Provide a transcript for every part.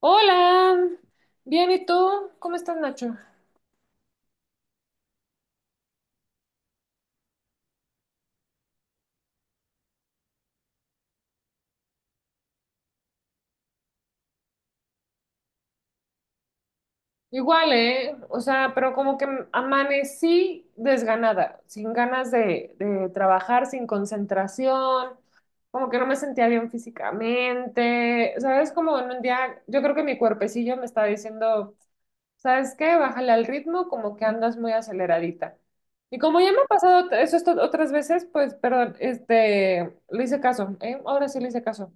Hola, bien, ¿y tú? ¿Cómo estás, Nacho? Igual, ¿eh? O sea, pero como que amanecí desganada, sin ganas de trabajar, sin concentración, como que no me sentía bien físicamente, ¿sabes? Como en un día, yo creo que mi cuerpecillo me está diciendo, ¿sabes qué? Bájale al ritmo, como que andas muy aceleradita. Y como ya me ha pasado eso esto otras veces, pues, perdón, le hice caso, ¿eh? Ahora sí le hice caso.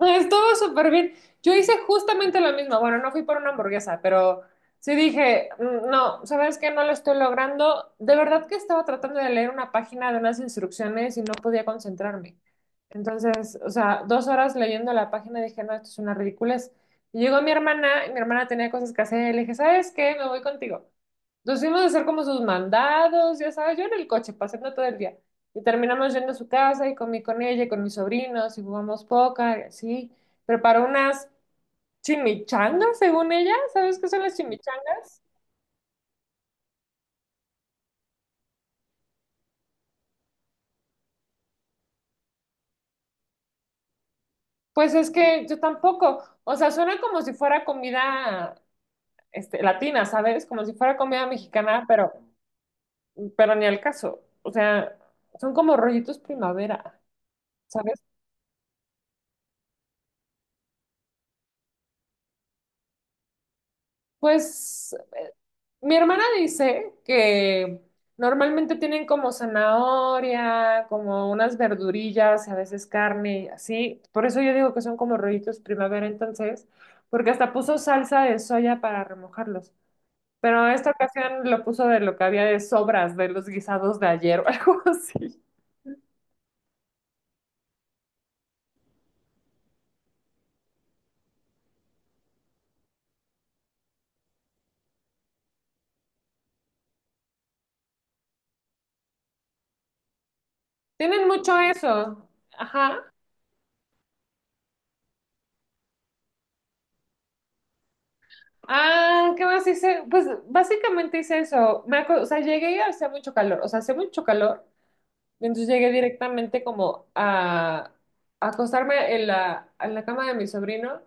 Estuvo súper bien. Yo hice justamente lo mismo. Bueno, no fui por una hamburguesa, pero sí dije, "Mm, no, ¿sabes qué? No lo estoy logrando". De verdad que estaba tratando de leer una página de unas instrucciones y no podía concentrarme. Entonces, o sea, 2 horas leyendo la página dije, no, esto es una ridiculez. Y llegó mi hermana, y mi hermana tenía cosas que hacer, y le dije, ¿sabes qué? Me voy contigo. Nos fuimos a hacer como sus mandados, ya sabes, yo en el coche, pasando todo el día. Y terminamos yendo a su casa y comí con ella y con mis sobrinos y jugamos póker y así. Preparó unas chimichangas, según ella. ¿Sabes qué son las chimichangas? Pues es que yo tampoco. O sea, suena como si fuera comida latina, ¿sabes? Como si fuera comida mexicana, pero ni al caso. O sea, son como rollitos primavera, ¿sabes? Pues mi hermana dice que normalmente tienen como zanahoria, como unas verdurillas, a veces carne, así. Por eso yo digo que son como rollitos primavera entonces, porque hasta puso salsa de soya para remojarlos. Pero esta ocasión lo puso de lo que había de sobras de los guisados de ayer o algo así. Tienen mucho eso. Ajá. Ah, ¿qué más hice? Pues básicamente hice eso. O sea, llegué y hacía mucho calor. O sea, hacía mucho calor. Entonces llegué directamente como a acostarme en la cama de mi sobrino,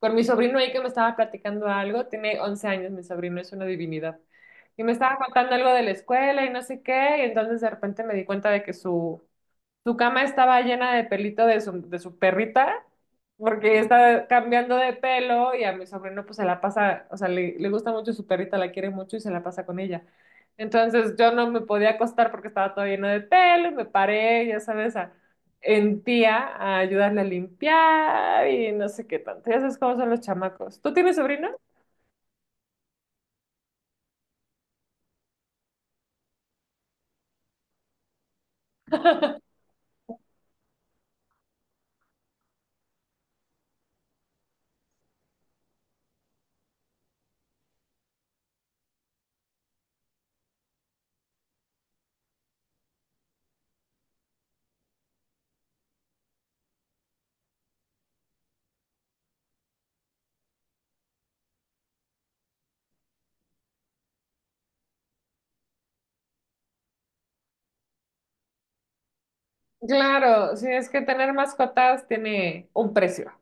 con mi sobrino ahí que me estaba platicando algo, tiene 11 años mi sobrino, es una divinidad, y me estaba contando algo de la escuela y no sé qué, y entonces de repente me di cuenta de que su cama estaba llena de pelito de su perrita, porque está cambiando de pelo y a mi sobrino pues se la pasa, o sea, le gusta mucho su perrita, la quiere mucho y se la pasa con ella. Entonces yo no me podía acostar porque estaba todo lleno de pelo y me paré, ya sabes, en tía a ayudarle a limpiar y no sé qué tanto. Ya sabes cómo son los chamacos. ¿Tú tienes sobrino? Claro, sí, es que tener mascotas tiene un precio.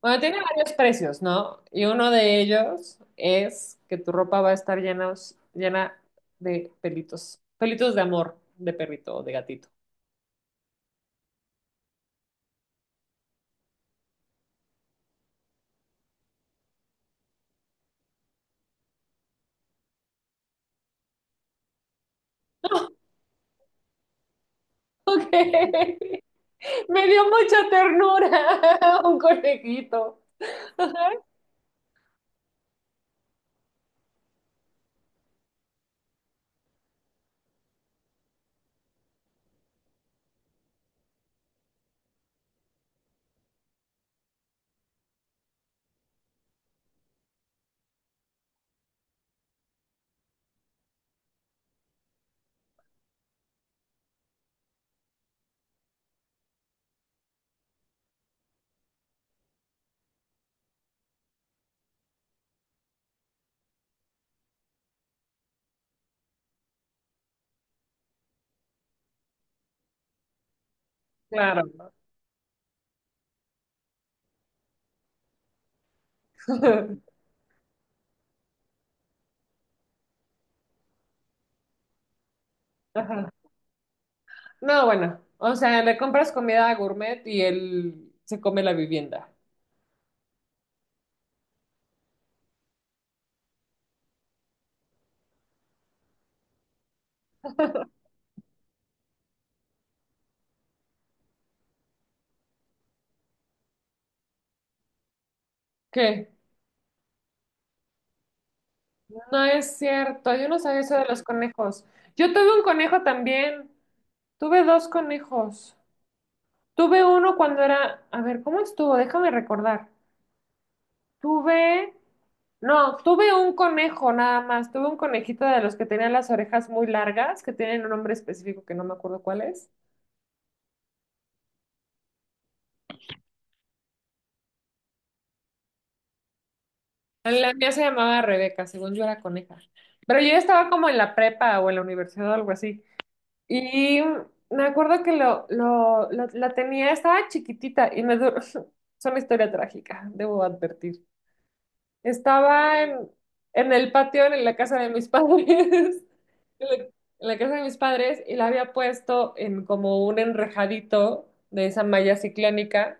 Bueno, tiene varios precios, ¿no? Y uno de ellos es que tu ropa va a estar llena, llena de pelitos, pelitos de amor, de perrito o de gatito. Ok, me dio mucha ternura un conejito. Claro. Ajá. No, bueno, o sea, le compras comida a gourmet y él se come la vivienda. ¿Qué? No es cierto, yo no sabía eso de los conejos. Yo tuve un conejo también, tuve dos conejos. Tuve uno cuando era, a ver, ¿cómo estuvo? Déjame recordar. Tuve, no, tuve un conejo nada más. Tuve un conejito de los que tenían las orejas muy largas, que tienen un nombre específico que no me acuerdo cuál es. La mía se llamaba Rebeca, según yo era coneja. Pero yo estaba como en la prepa o en la universidad o algo así. Y me acuerdo que la tenía, estaba chiquitita y me duró. Es una historia trágica, debo advertir. Estaba en el patio, en la casa de mis padres, en la, en la casa de mis padres, y la había puesto en como un enrejadito de esa malla ciclónica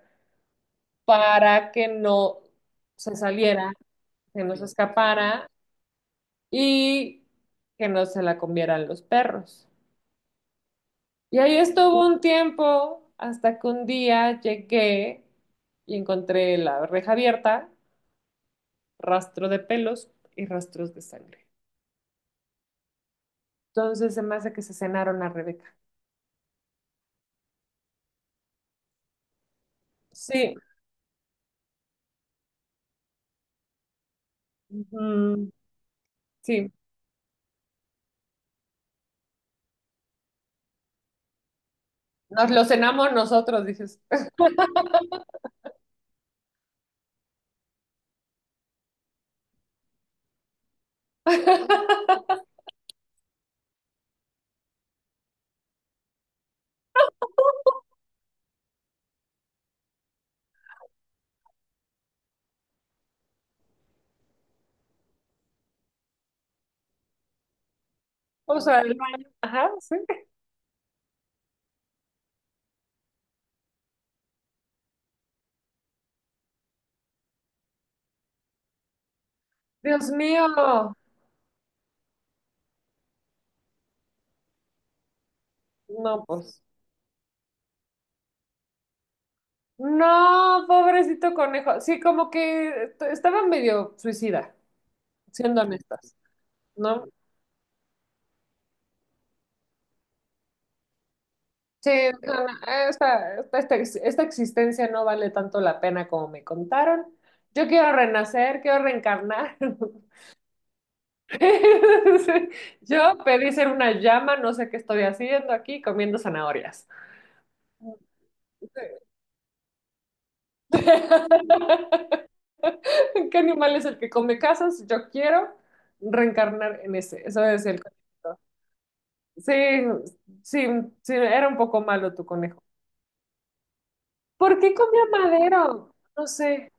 para que no se saliera, que no se escapara y que no se la comieran los perros. Y ahí estuvo un tiempo hasta que un día llegué y encontré la reja abierta, rastro de pelos y rastros de sangre. Entonces se me hace que se cenaron a Rebeca. Sí, mm, sí, nos lo cenamos nosotros, dices. Vamos al baño. Ajá, sí. Dios mío, no, pues. No, pobrecito conejo. Sí, como que estaba medio suicida, siendo honestas, ¿no? Sí, no, no, esta existencia no vale tanto la pena como me contaron. Yo quiero renacer, quiero reencarnar. Yo pedí ser una llama, no sé qué estoy haciendo aquí comiendo zanahorias. Sí. ¿Qué animal es el que come casas? Yo quiero reencarnar en ese. Eso es el conejito. Sí, sí, sí, era un poco malo tu conejo. ¿Por qué comía madero? No sé,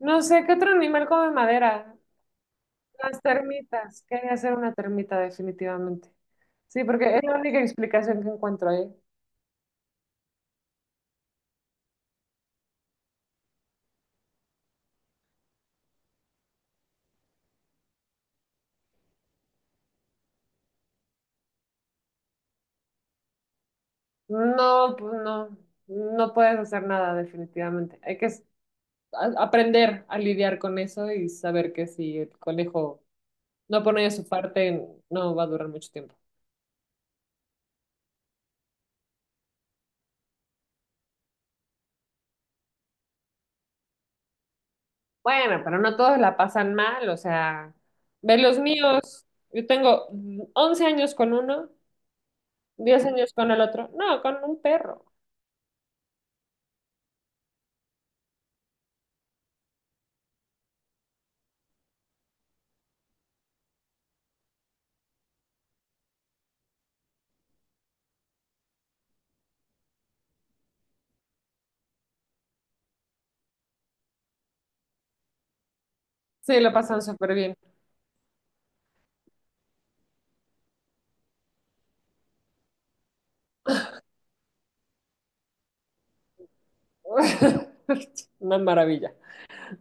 no sé, ¿qué otro animal come madera? Las termitas. Quería ser una termita definitivamente. Sí, porque es la única explicación que encuentro ahí. No, pues no, no puedes hacer nada definitivamente. Hay que aprender a lidiar con eso y saber que si el conejo no pone de su parte, no va a durar mucho tiempo. Bueno, pero no todos la pasan mal, o sea, ve los míos. Yo tengo 11 años con uno, 10 años con el otro. No, con un perro. Sí, lo pasan súper bien. Una maravilla.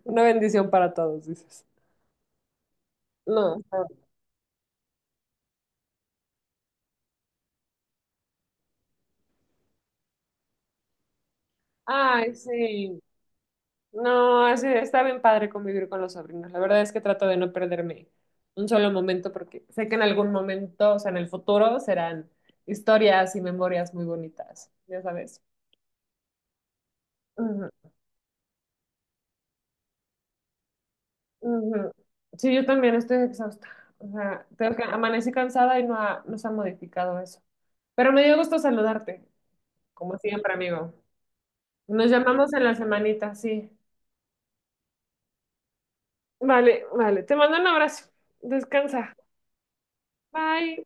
Una bendición para todos, dices. No, no. Ay, sí. No, así está bien padre convivir con los sobrinos. La verdad es que trato de no perderme un solo momento porque sé que en algún momento, o sea, en el futuro, serán historias y memorias muy bonitas, ya sabes. Ujú, ujú. Sí, yo también estoy exhausta. O sea, tengo que amanecí cansada y no, no se ha modificado eso. Pero me dio gusto saludarte, como siempre, amigo. Nos llamamos en la semanita, sí. Vale, vale. Te mando un abrazo. Descansa. Bye.